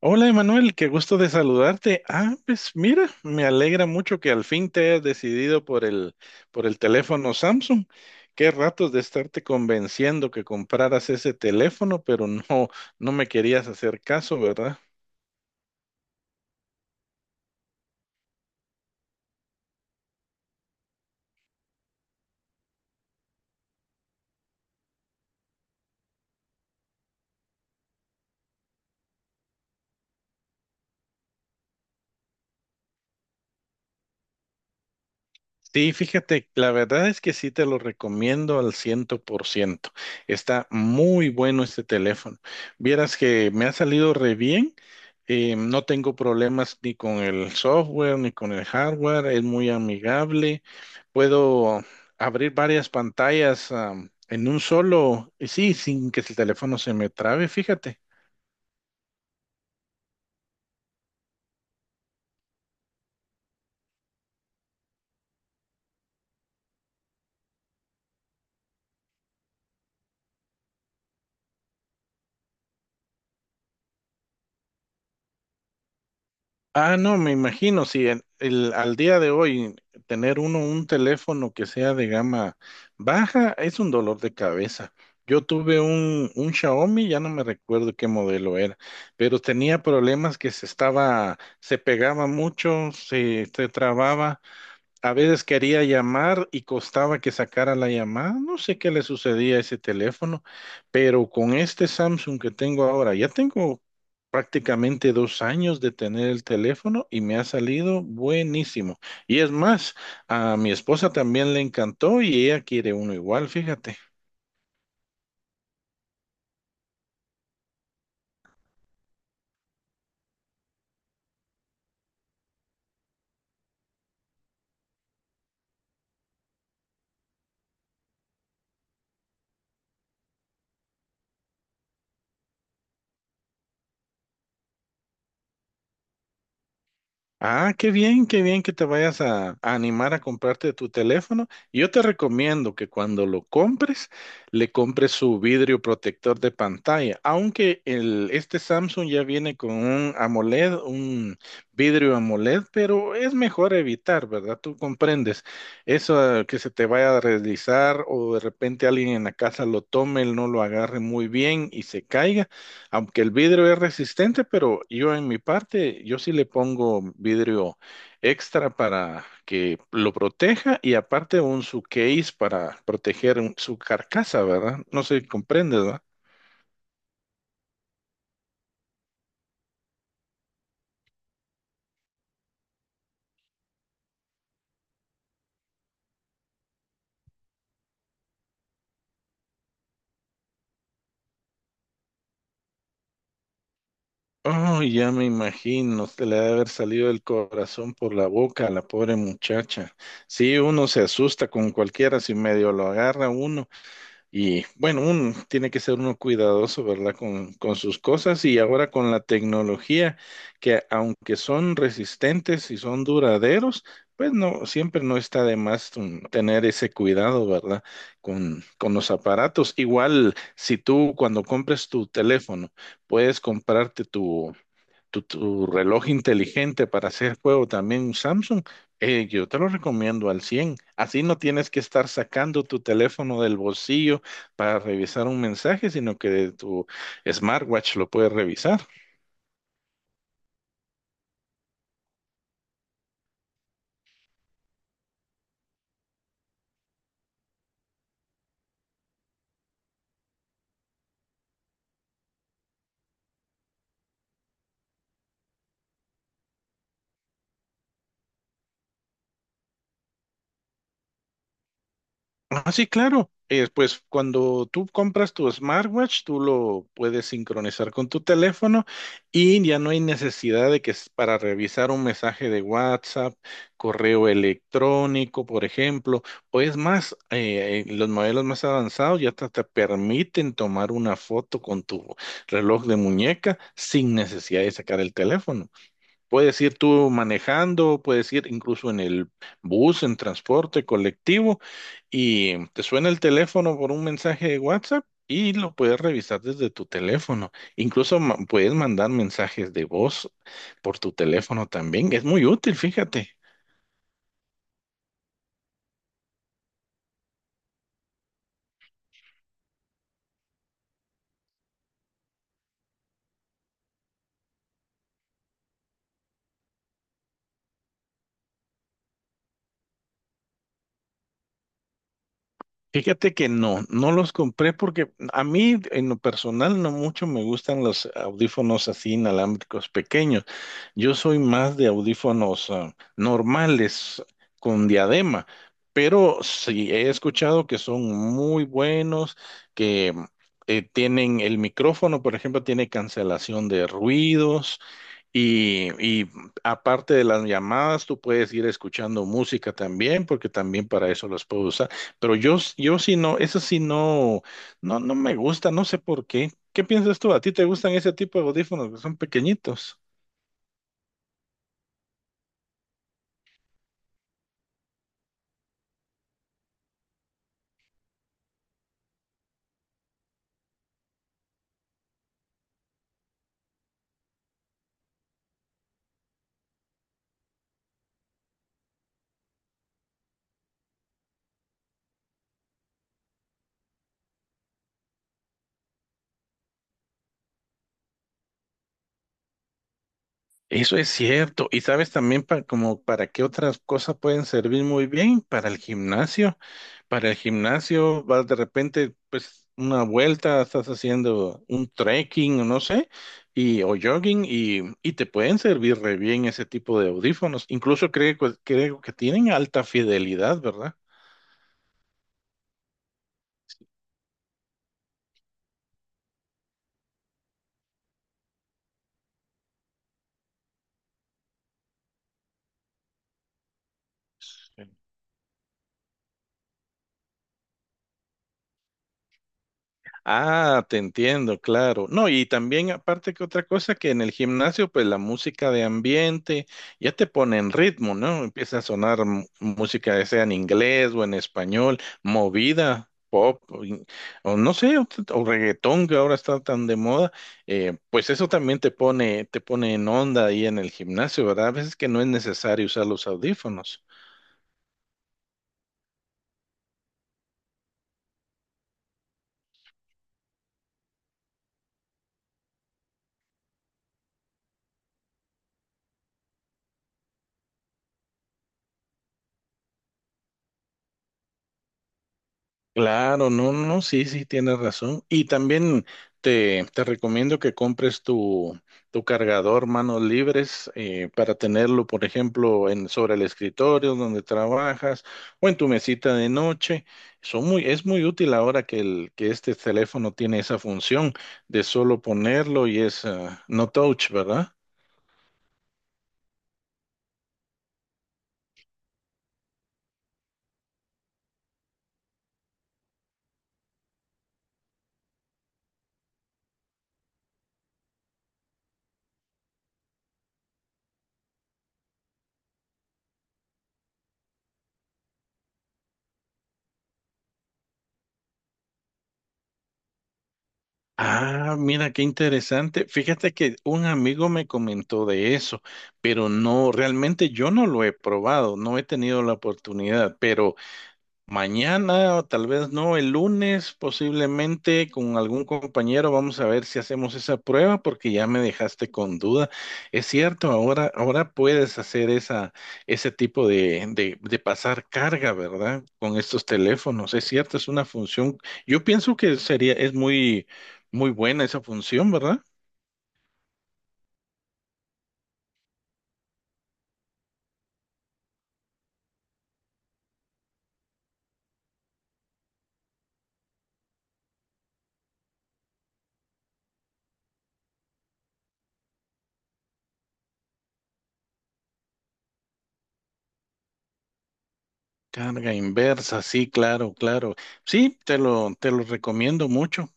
Hola Emanuel, qué gusto de saludarte. Ah, pues mira, me alegra mucho que al fin te hayas decidido por el teléfono Samsung. Qué ratos de estarte convenciendo que compraras ese teléfono, pero no, no me querías hacer caso, ¿verdad? Sí, fíjate, la verdad es que sí te lo recomiendo al 100%. Está muy bueno este teléfono. Vieras que me ha salido re bien. No tengo problemas ni con el software ni con el hardware. Es muy amigable. Puedo abrir varias pantallas, en un solo, y sí, sin que el teléfono se me trabe, fíjate. Ah, no, me imagino, si al día de hoy tener uno un teléfono que sea de gama baja es un dolor de cabeza. Yo tuve un Xiaomi, ya no me recuerdo qué modelo era, pero tenía problemas que se pegaba mucho, se trababa. A veces quería llamar y costaba que sacara la llamada. No sé qué le sucedía a ese teléfono, pero con este Samsung que tengo ahora, ya tengo prácticamente 2 años de tener el teléfono y me ha salido buenísimo. Y es más, a mi esposa también le encantó y ella quiere uno igual, fíjate. Ah, qué bien que te vayas a animar a comprarte tu teléfono. Y yo te recomiendo que cuando lo compres, le compres su vidrio protector de pantalla. Aunque este Samsung ya viene con un AMOLED, un vidrio AMOLED, pero es mejor evitar, ¿verdad? Tú comprendes eso que se te vaya a deslizar o de repente alguien en la casa lo tome, él no lo agarre muy bien y se caiga. Aunque el vidrio es resistente, pero yo en mi parte, yo sí le pongo vidrio extra para que lo proteja y aparte un su case para proteger su carcasa, ¿verdad? No sé, si comprendes, ¿verdad? Oh, ya me imagino, se le ha de haber salido el corazón por la boca a la pobre muchacha. Sí, uno se asusta con cualquiera si medio lo agarra uno. Y bueno, uno tiene que ser uno cuidadoso, ¿verdad? Con sus cosas y ahora con la tecnología, que aunque son resistentes y son duraderos, pues no, siempre no está de más tener ese cuidado, ¿verdad? Con los aparatos. Igual, si tú cuando compres tu teléfono, puedes comprarte tu reloj inteligente para hacer juego también, un Samsung, yo te lo recomiendo al 100. Así no tienes que estar sacando tu teléfono del bolsillo para revisar un mensaje, sino que de tu smartwatch lo puedes revisar. Ah, sí, claro. Pues cuando tú compras tu smartwatch, tú lo puedes sincronizar con tu teléfono y ya no hay necesidad de que para revisar un mensaje de WhatsApp, correo electrónico, por ejemplo, o es más, los modelos más avanzados ya hasta te permiten tomar una foto con tu reloj de muñeca sin necesidad de sacar el teléfono. Puedes ir tú manejando, puedes ir incluso en el bus, en transporte colectivo, y te suena el teléfono por un mensaje de WhatsApp y lo puedes revisar desde tu teléfono. Incluso puedes mandar mensajes de voz por tu teléfono también. Es muy útil, fíjate. Fíjate que no, no los compré porque a mí en lo personal no mucho me gustan los audífonos así inalámbricos pequeños. Yo soy más de audífonos normales con diadema, pero sí he escuchado que son muy buenos, que tienen el micrófono, por ejemplo, tiene cancelación de ruidos y aparte de las llamadas, tú puedes ir escuchando música también, porque también para eso las puedo usar. Pero yo sí no, eso sí no, no, no me gusta, no sé por qué. ¿Qué piensas tú? ¿A ti te gustan ese tipo de audífonos que son pequeñitos? Eso es cierto. ¿Y sabes también como para qué otras cosas pueden servir muy bien? Para el gimnasio. Para el gimnasio, vas de repente, pues una vuelta, estás haciendo un trekking, o no sé, y, o jogging, y te pueden servir re bien ese tipo de audífonos. Incluso creo que tienen alta fidelidad, ¿verdad? Ah, te entiendo, claro. No, y también aparte que otra cosa que en el gimnasio, pues la música de ambiente ya te pone en ritmo, ¿no? Empieza a sonar música, ya sea en inglés o en español, movida, pop, o no sé, o reggaetón que ahora está tan de moda, pues eso también te pone en onda ahí en el gimnasio, ¿verdad? A veces que no es necesario usar los audífonos. Claro, no, no, no, sí, sí, tienes razón. Y también te recomiendo que compres tu cargador manos libres para tenerlo, por ejemplo, sobre el escritorio donde trabajas o en tu mesita de noche. Es muy útil ahora que este teléfono tiene esa función de solo ponerlo y es no touch, ¿verdad? Ah, mira, qué interesante. Fíjate que un amigo me comentó de eso, pero no, realmente yo no lo he probado, no he tenido la oportunidad, pero mañana, o tal vez no, el lunes, posiblemente con algún compañero, vamos a ver si hacemos esa prueba, porque ya me dejaste con duda. Es cierto, ahora puedes hacer ese tipo de pasar carga, ¿verdad? Con estos teléfonos. Es cierto, es una función. Yo pienso que es muy, muy buena esa función, ¿verdad? Carga inversa, sí, claro, claro. Sí, te lo recomiendo mucho.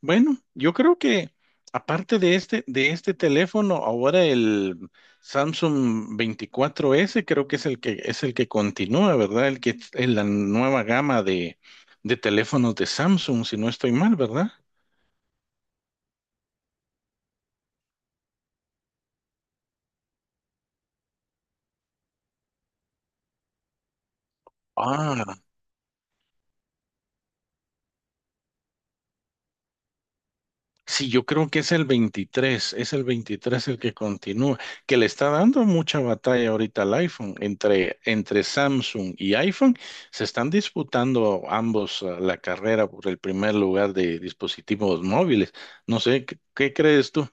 Bueno, yo creo que aparte de este teléfono, ahora el Samsung 24 s creo que es el que continúa, ¿verdad? El que es la nueva gama de teléfonos de Samsung, si no estoy mal, ¿verdad? Ah, sí, yo creo que es el 23, es el 23 el que continúa, que le está dando mucha batalla ahorita al iPhone. Entre Samsung y iPhone se están disputando ambos la carrera por el primer lugar de dispositivos móviles. No sé, ¿qué crees tú?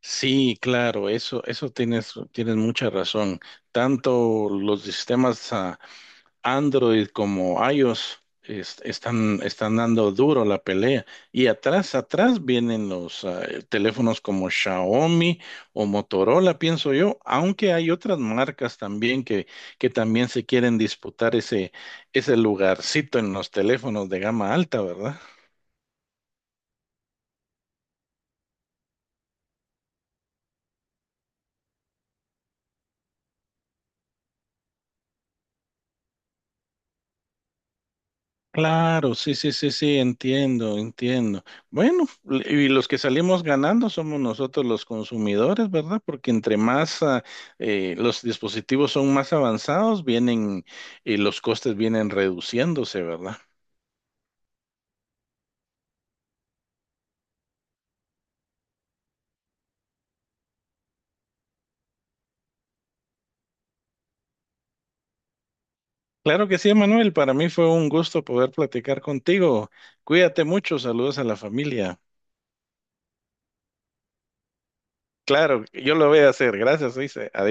Sí, claro, eso tienes mucha razón. Tanto los sistemas Android como iOS están dando duro la pelea. Y atrás, atrás vienen los teléfonos como Xiaomi o Motorola, pienso yo, aunque hay otras marcas también que también se quieren disputar ese lugarcito en los teléfonos de gama alta, ¿verdad? Claro, sí, sí, sí, sí, entiendo, entiendo. Bueno, y los que salimos ganando somos nosotros los consumidores, ¿verdad? Porque entre más los dispositivos son más avanzados, vienen y los costes vienen reduciéndose, ¿verdad? Claro que sí, Manuel, para mí fue un gusto poder platicar contigo. Cuídate mucho, saludos a la familia. Claro, yo lo voy a hacer. Gracias, dice.